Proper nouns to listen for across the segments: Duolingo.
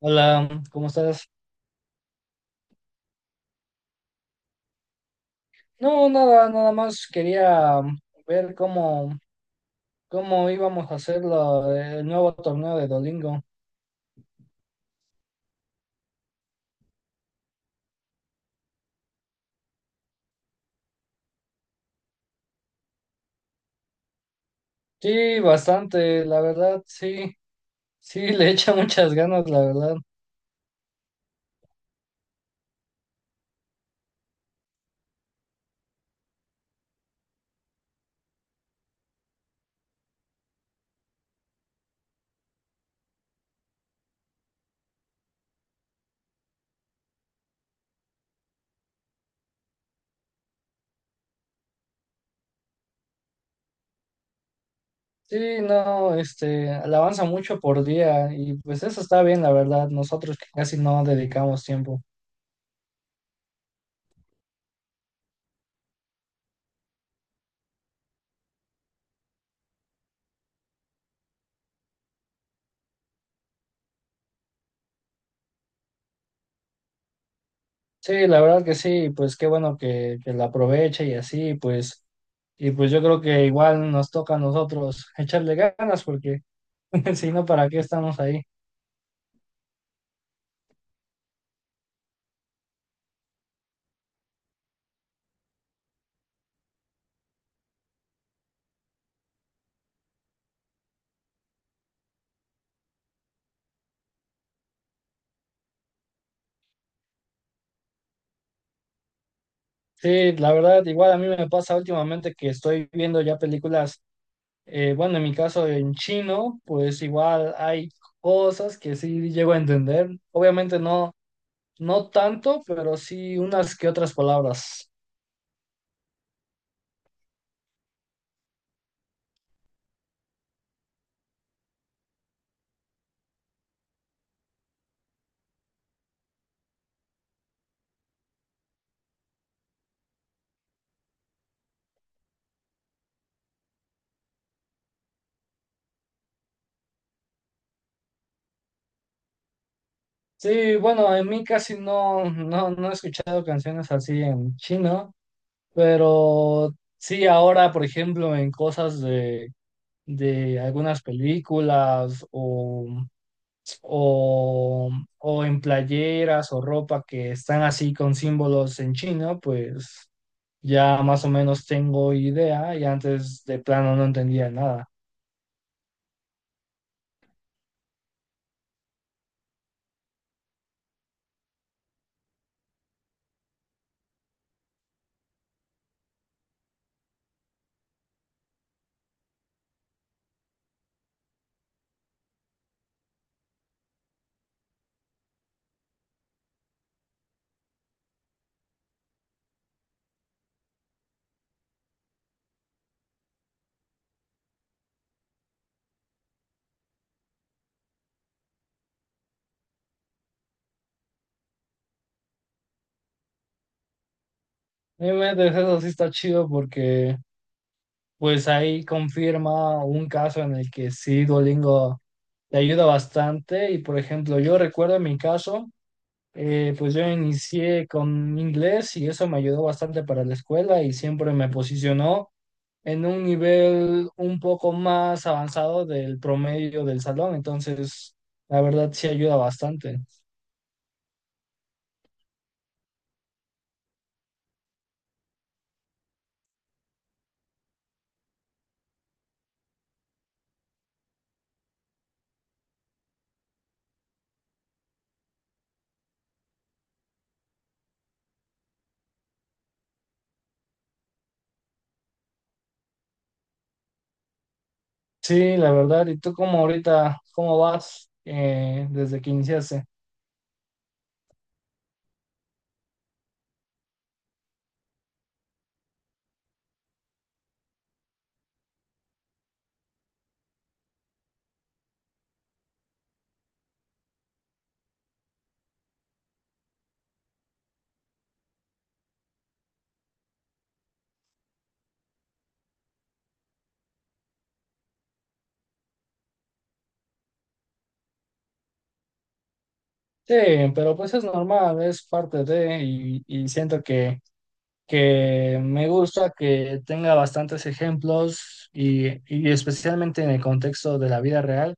Hola, ¿cómo estás? No, nada más quería ver cómo íbamos a hacer el nuevo torneo de Dolingo. Sí, bastante, la verdad, sí, sí, le echa muchas ganas, la verdad. Sí, no, le avanza mucho por día y pues eso está bien, la verdad, nosotros que casi no dedicamos tiempo. Sí, la verdad que sí, pues qué bueno que la aproveche y así, pues, y pues yo creo que igual nos toca a nosotros echarle ganas porque... Si no, ¿para qué estamos ahí? Sí, la verdad, igual a mí me pasa últimamente que estoy viendo ya películas, bueno, en mi caso en chino, pues igual hay cosas que sí llego a entender. Obviamente no, no tanto, pero sí unas que otras palabras. Sí, bueno, en mí casi no, no he escuchado canciones así en chino, pero sí ahora, por ejemplo, en cosas de algunas películas o, o en playeras o ropa que están así con símbolos en chino, pues ya más o menos tengo idea y antes de plano no entendía nada. Obviamente eso sí está chido porque pues ahí confirma un caso en el que sí Duolingo te ayuda bastante y por ejemplo yo recuerdo en mi caso pues yo inicié con inglés y eso me ayudó bastante para la escuela y siempre me posicionó en un nivel un poco más avanzado del promedio del salón, entonces la verdad sí ayuda bastante. Sí, la verdad, ¿y tú cómo ahorita, cómo vas desde que iniciaste? Sí, pero pues es normal, es parte de. Y siento que me gusta que tenga bastantes ejemplos y especialmente en el contexto de la vida real,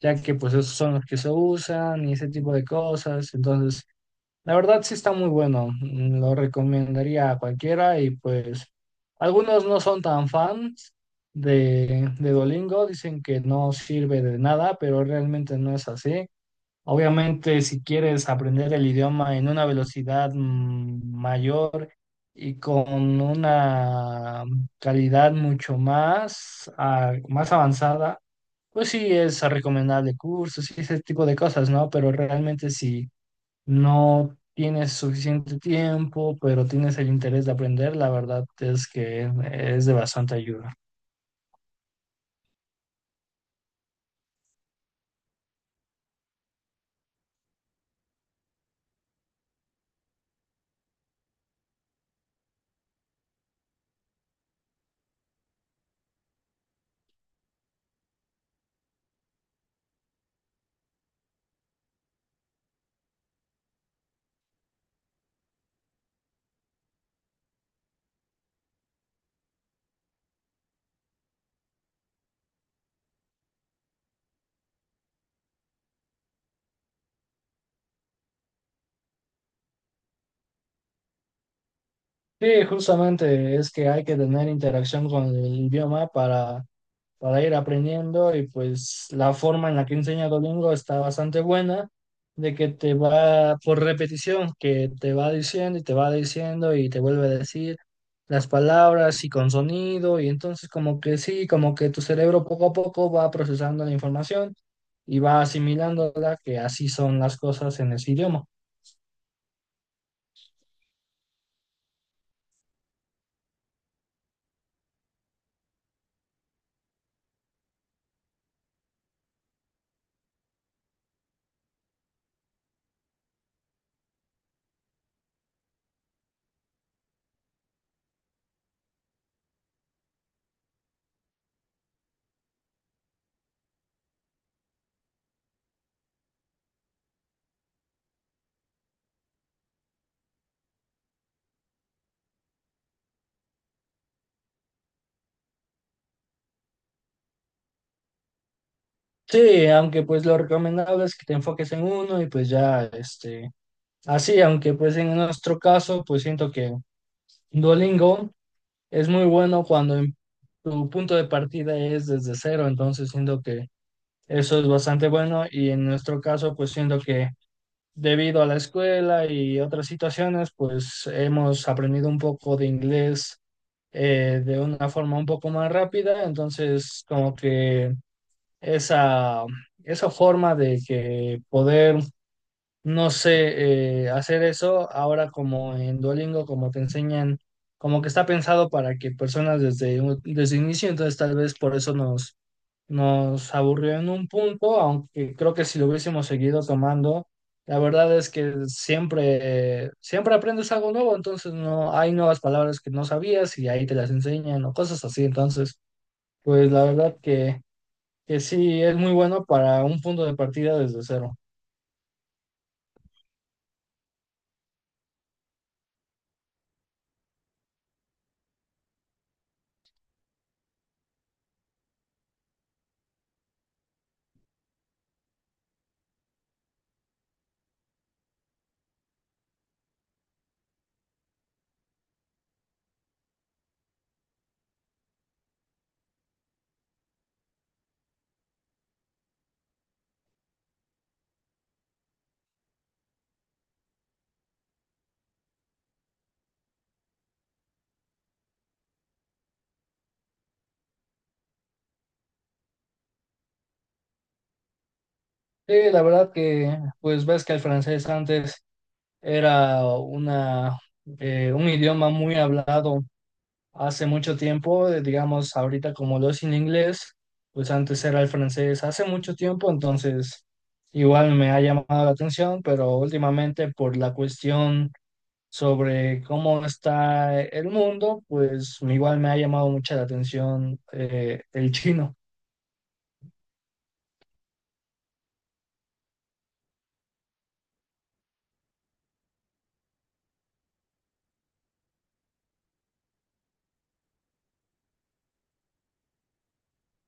ya que pues esos son los que se usan y ese tipo de cosas, entonces... La verdad sí está muy bueno, lo recomendaría a cualquiera y pues algunos no son tan fans de Duolingo, dicen que no sirve de nada, pero realmente no es así. Obviamente si quieres aprender el idioma en una velocidad mayor y con una calidad mucho más, más avanzada, pues sí es recomendable cursos y ese tipo de cosas, ¿no? Pero realmente sí no tienes suficiente tiempo, pero tienes el interés de aprender, la verdad es que es de bastante ayuda. Sí, justamente es que hay que tener interacción con el idioma para ir aprendiendo y pues la forma en la que enseña Duolingo está bastante buena, de que te va por repetición, que te va diciendo y te va diciendo y te vuelve a decir las palabras y con sonido y entonces como que sí, como que tu cerebro poco a poco va procesando la información y va asimilándola, que así son las cosas en ese idioma. Sí, aunque pues lo recomendable es que te enfoques en uno y pues ya, este, así, aunque pues en nuestro caso, pues siento que Duolingo es muy bueno cuando tu punto de partida es desde cero, entonces siento que eso es bastante bueno y en nuestro caso, pues siento que debido a la escuela y otras situaciones, pues hemos aprendido un poco de inglés de una forma un poco más rápida, entonces como que esa, esa forma de que poder, no sé, hacer eso ahora como en Duolingo, como te enseñan, como que está pensado para que personas desde el inicio, entonces tal vez por eso nos aburrió en un punto, aunque creo que si lo hubiésemos seguido tomando, la verdad es que siempre, siempre aprendes algo nuevo, entonces no hay nuevas palabras que no sabías y ahí te las enseñan o cosas así, entonces, pues la verdad que sí es muy bueno para un punto de partida desde cero. Sí, la verdad que, pues ves que el francés antes era un idioma muy hablado hace mucho tiempo, digamos ahorita como lo es en inglés, pues antes era el francés hace mucho tiempo, entonces igual me ha llamado la atención, pero últimamente por la cuestión sobre cómo está el mundo, pues igual me ha llamado mucha la atención el chino.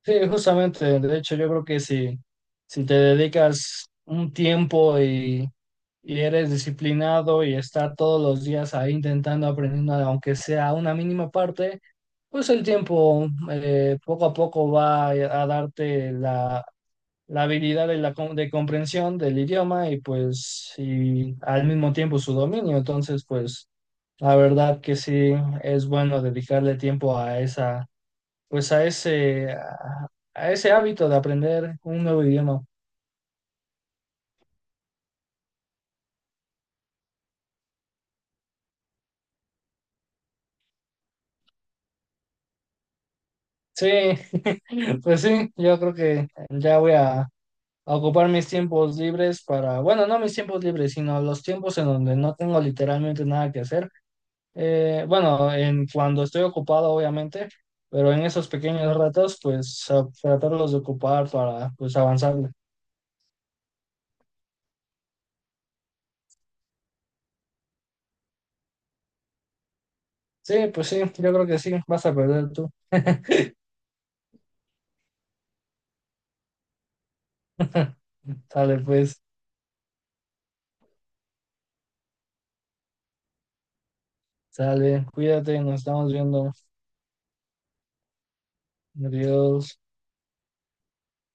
Sí, justamente, de hecho yo creo que si, si te dedicas un tiempo y eres disciplinado y estar todos los días ahí intentando aprendiendo, aunque sea una mínima parte, pues el tiempo poco a poco va a darte la habilidad de comprensión del idioma y pues y al mismo tiempo su dominio. Entonces, pues la verdad que sí es bueno dedicarle tiempo a esa... pues a a ese hábito de aprender un nuevo idioma. Sí, pues sí, yo creo que ya voy a ocupar mis tiempos libres para, bueno, no mis tiempos libres, sino los tiempos en donde no tengo literalmente nada que hacer. Bueno, en cuando estoy ocupado, obviamente, pero en esos pequeños ratos, pues tratarlos de ocupar para, pues, avanzar. Sí, pues sí, yo creo que sí, vas a perder tú. Sale, pues, sale, cuídate, nos estamos viendo. Adiós.